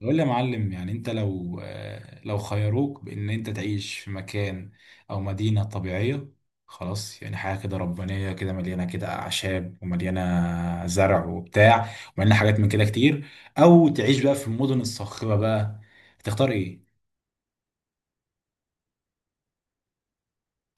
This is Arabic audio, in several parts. بقول لي يا معلم، يعني انت لو خيروك بان انت تعيش في مكان او مدينة طبيعية، خلاص يعني حاجة كده ربانية كده، مليانة كده اعشاب، ومليانة زرع وبتاع، ومليانة حاجات من كده كتير، او تعيش بقى في المدن الصاخبة بقى، تختار ايه؟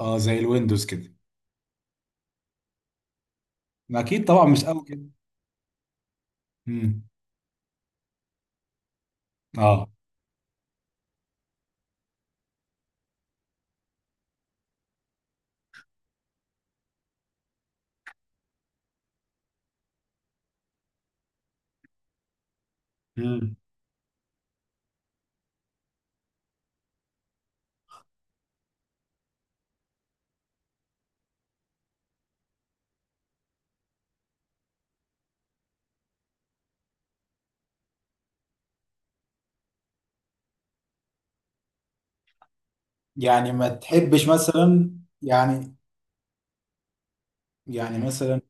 اه، زي الويندوز كده. ما اكيد طبعا مش قوي كده. امم. اه. امم. مم. يعني ما تحبش مثلا، يعني يعني مثلا،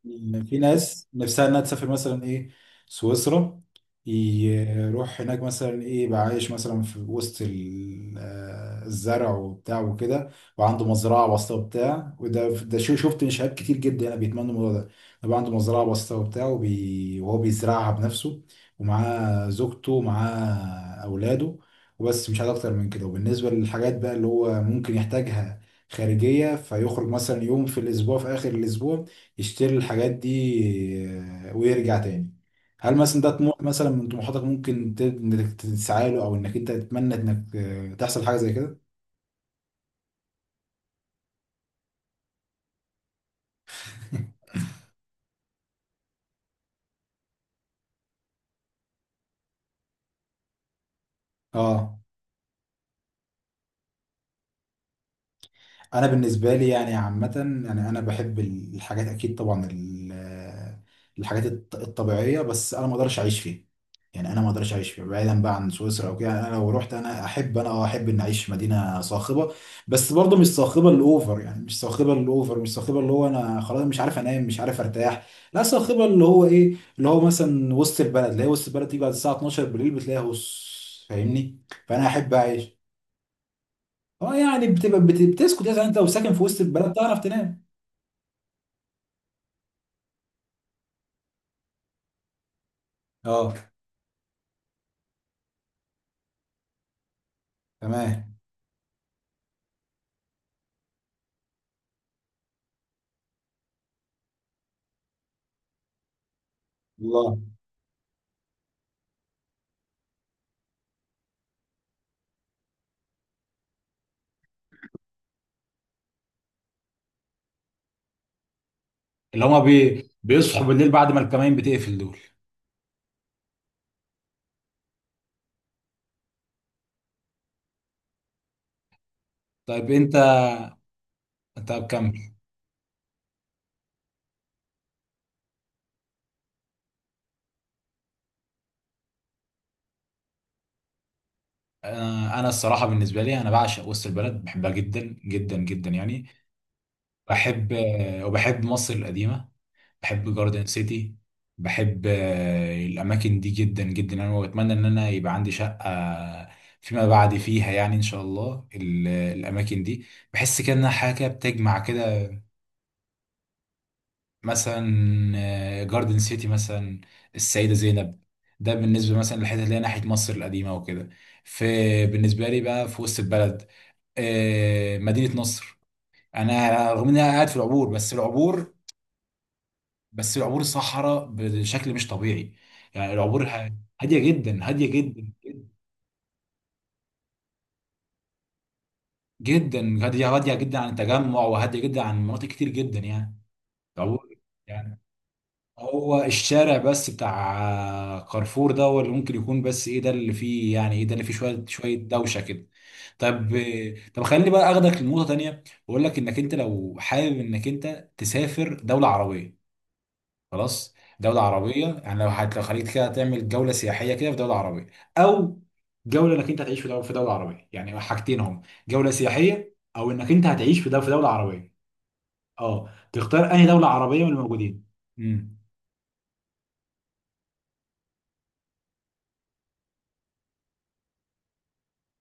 في ناس نفسها انها تسافر مثلا ايه سويسرا، يروح هناك مثلا ايه يبقى عايش مثلا في وسط الزرع وبتاع وكده، وعنده مزرعه بسيطه وبتاع، وده شيء، شفت شباب كتير جدا انا بيتمنوا الموضوع ده، يبقى عنده مزرعه بسيطه وبتاع وهو بيزرعها بنفسه، ومعاه زوجته ومعاه اولاده، وبس مش عايز اكتر من كده. وبالنسبه للحاجات بقى اللي هو ممكن يحتاجها خارجية، فيخرج مثلا يوم في الأسبوع في آخر الأسبوع يشتري الحاجات دي ويرجع تاني. هل مثلا ده طموح مثلا من طموحاتك ممكن انك تسعى له، او انك انت تتمنى انك تحصل حاجه زي كده؟ اه. انا بالنسبه لي يعني عامه، يعني انا بحب الحاجات اكيد طبعا الحاجات الطبيعيه، بس انا ما اقدرش اعيش فيها، يعني انا ما اقدرش اعيش فيها بعيدا بقى عن سويسرا او كده. يعني انا لو رحت، انا احب، انا احب ان اعيش في مدينه صاخبه، بس برضه مش صاخبه الاوفر، يعني مش صاخبه الاوفر، مش صاخبه اللي هو انا خلاص مش عارف انام، مش عارف ارتاح. لا، صاخبه اللي هو ايه، اللي هو مثلا وسط البلد، اللي هي وسط البلد تيجي بعد الساعه 12 بالليل بتلاقيها، بص فاهمني، فانا احب اعيش. اه، يعني بتبقى بتسكت، يعني انت لو ساكن في وسط البلد تعرف تنام؟ اه. تمام. الله. اللي هما بيصحوا بالليل بعد ما الكمائن بتقفل دول. طيب انت. طب كمل. انا الصراحه بالنسبه لي، انا بعشق وسط البلد، بحبها جدا جدا جدا يعني. بحب آه، وبحب مصر القديمه، بحب جاردن سيتي، بحب الاماكن دي جدا جدا يعني، واتمنى ان انا يبقى عندي شقه فيما بعد فيها، يعني ان شاء الله الاماكن دي، بحس كده انها حاجه بتجمع كده. مثلا جاردن سيتي مثلا، السيده زينب، ده بالنسبه مثلا للحته اللي هي ناحيه مصر القديمه وكده. في، بالنسبه لي بقى في وسط البلد، مدينة نصر. انا رغم اني قاعد في العبور، بس العبور صحراء بشكل مش طبيعي، يعني العبور هادية جدا، هادية جدا جدا، هادية هادية جدا عن التجمع، وهادية جدا عن مناطق كتير جدا يعني. العبور، يعني هو الشارع بس بتاع كارفور ده هو اللي ممكن يكون، بس ايه ده اللي فيه، يعني ايه ده اللي فيه شوية شوية دوشة كده. طب طب خليني بقى اخدك لنقطة تانية، واقول لك انك انت لو حابب انك انت تسافر دولة عربية، خلاص، دولة عربية، يعني لو خليك كده تعمل جولة سياحية كده في دولة عربية، أو جولة إنك أنت هتعيش في دولة عربية، يعني حاجتين هم، جولة سياحية أو إنك أنت هتعيش في دولة عربية. أه، تختار أنهي دولة عربية من الموجودين؟ امم.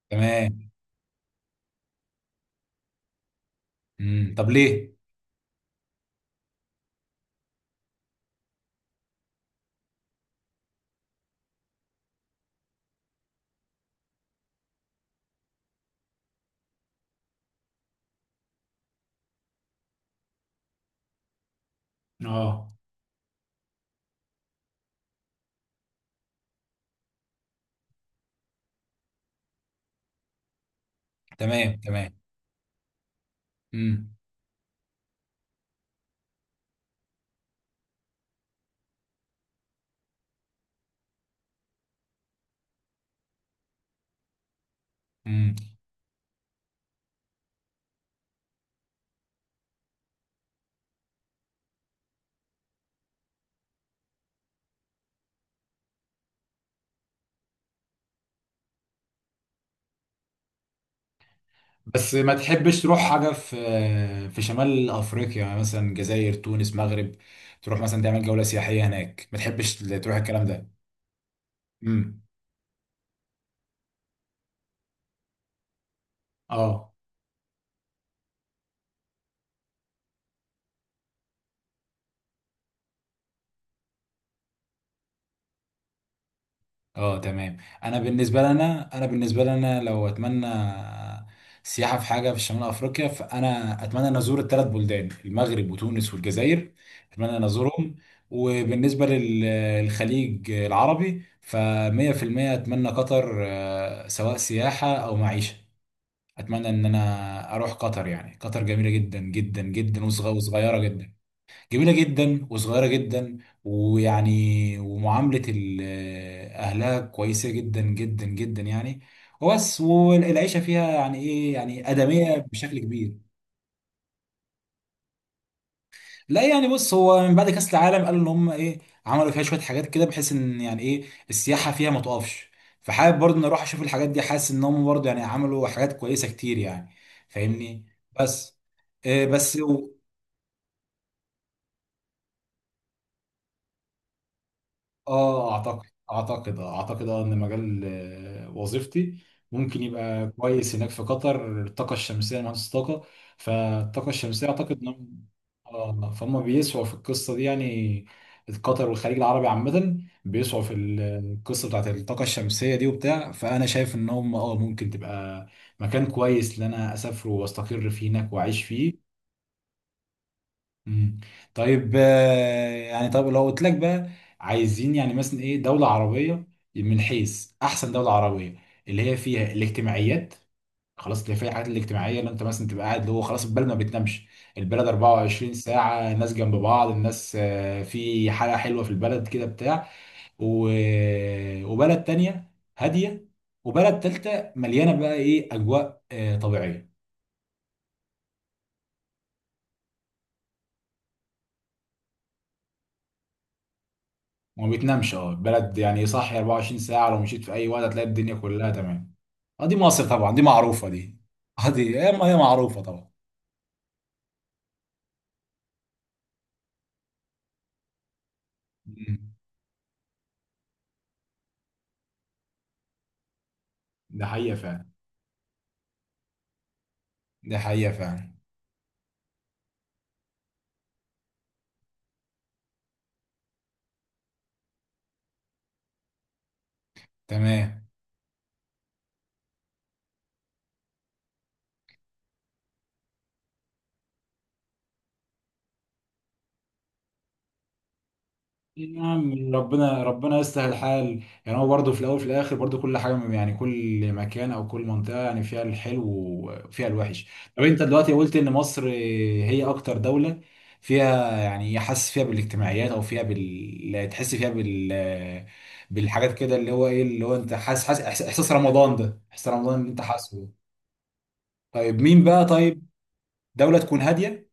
تمام. امم. طب ليه؟ أه. تمام. تمام. امم. امم. بس ما تحبش تروح حاجة في شمال أفريقيا، يعني مثلا جزائر، تونس، مغرب، تروح مثلا تعمل جولة سياحية هناك، ما تحبش تروح الكلام ده؟ امم. اه. اه. تمام. انا بالنسبه لنا لو اتمنى سياحه في حاجه في شمال افريقيا، فانا اتمنى ان ازور الثلاث بلدان، المغرب وتونس والجزائر، اتمنى ان ازورهم. وبالنسبه للخليج العربي، ف 100% اتمنى قطر، سواء سياحه او معيشه، اتمنى ان انا اروح قطر، يعني قطر جميله جدا جدا جدا وصغيره جدا، جميلة جدا وصغيرة جدا، ومعاملة أهلها كويسة جدا جدا جدا يعني، وبس، والعيشة فيها يعني إيه يعني آدمية بشكل كبير. لا يعني بص، هو من بعد كأس العالم قالوا إن هم إيه، عملوا فيها شوية حاجات كده بحيث إن يعني إيه السياحة فيها ما تقفش، فحابب برضه إن أروح أشوف الحاجات دي، حاسس إن هم برضه يعني عملوا حاجات كويسة كتير يعني. فاهمني. بس، إيه بس. اه اعتقد ان مجال وظيفتي ممكن يبقى كويس هناك في قطر، الطاقه الشمسيه، أنا مهندس طاقه، فالطاقه الشمسيه اعتقد انهم اه فهم بيسعوا في القصه دي، يعني قطر والخليج العربي عامه بيسعوا في القصه بتاعت الطاقه الشمسيه دي وبتاع، فانا شايف ان هم ممكن تبقى مكان كويس ان انا اسافر واستقر فيه هناك واعيش فيه. مم. طيب يعني، طب لو قلت لك بقى، عايزين يعني مثلا ايه دولة عربية من حيث احسن دولة عربية، اللي هي فيها الاجتماعيات، خلاص اللي فيها الحاجات الاجتماعية، اللي انت مثلا تبقى قاعد، اللي هو خلاص البلد ما بتنامش، البلد 24 ساعة الناس جنب بعض، الناس في حالة حلوة في البلد كده بتاع، و... وبلد تانية هادية، وبلد تالتة مليانة بقى ايه اجواء طبيعية. ما بيتنامش، بلد يعني صاحي 24 ساعة، لو مشيت في أي وقت هتلاقي الدنيا كلها تمام. اه دي مصر طبعا، دي معروفة دي. اه دي هي معروفة طبعا. مم. ده حقيقة فعلا. ده حقيقة فعلا. تمام. نعم، ربنا يسهل الحال، يعني هو برضه في الاول في الاخر برضه كل حاجه، يعني كل مكان او كل منطقه يعني فيها الحلو وفيها الوحش. طب انت دلوقتي قلت ان مصر هي اكتر دوله فيها، يعني حاسس فيها بالاجتماعيات، او فيها بال، تحس فيها بالحاجات كده، اللي هو ايه، اللي هو انت حاسس إحساس رمضان ده، احساس رمضان اللي انت حاسه ده. طيب مين بقى؟ طيب دوله تكون هاديه،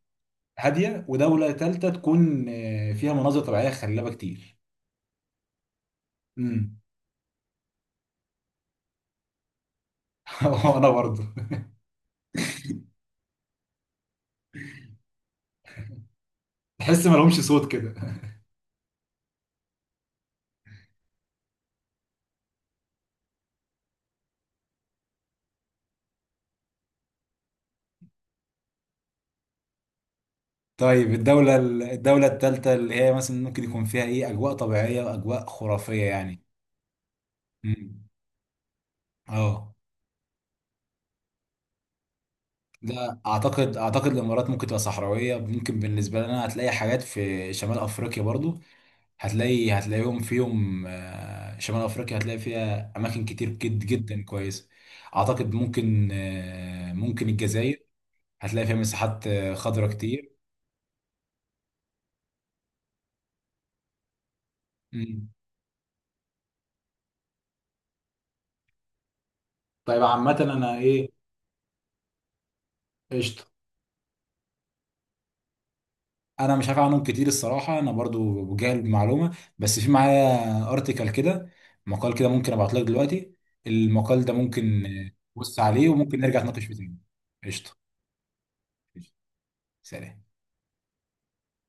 هاديه، ودوله ثالثه تكون فيها مناظر طبيعيه خلابه كتير. وانا برضه. تحس ما لهمش صوت كده. طيب الدولة الثالثة اللي هي مثلا ممكن يكون فيها ايه أجواء طبيعية وأجواء خرافية يعني؟ امم. اه. لا أعتقد الإمارات ممكن تبقى صحراوية، ممكن بالنسبة لنا هتلاقي حاجات في شمال أفريقيا برضو، هتلاقي، هتلاقيهم فيهم شمال أفريقيا، هتلاقي فيها أماكن كتير جدا كويسة، أعتقد ممكن الجزائر، هتلاقي فيها مساحات خضراء كتير. مم. طيب عامة أنا إيه. قشطة. انا مش عارف عنهم كتير الصراحه، انا برضو بجهل المعلومه، بس في معايا ارتكل كده، مقال كده ممكن ابعت لك دلوقتي، المقال ده ممكن تبص عليه، وممكن نرجع نتناقش فيه تاني. قشطه. قشطة. سلام.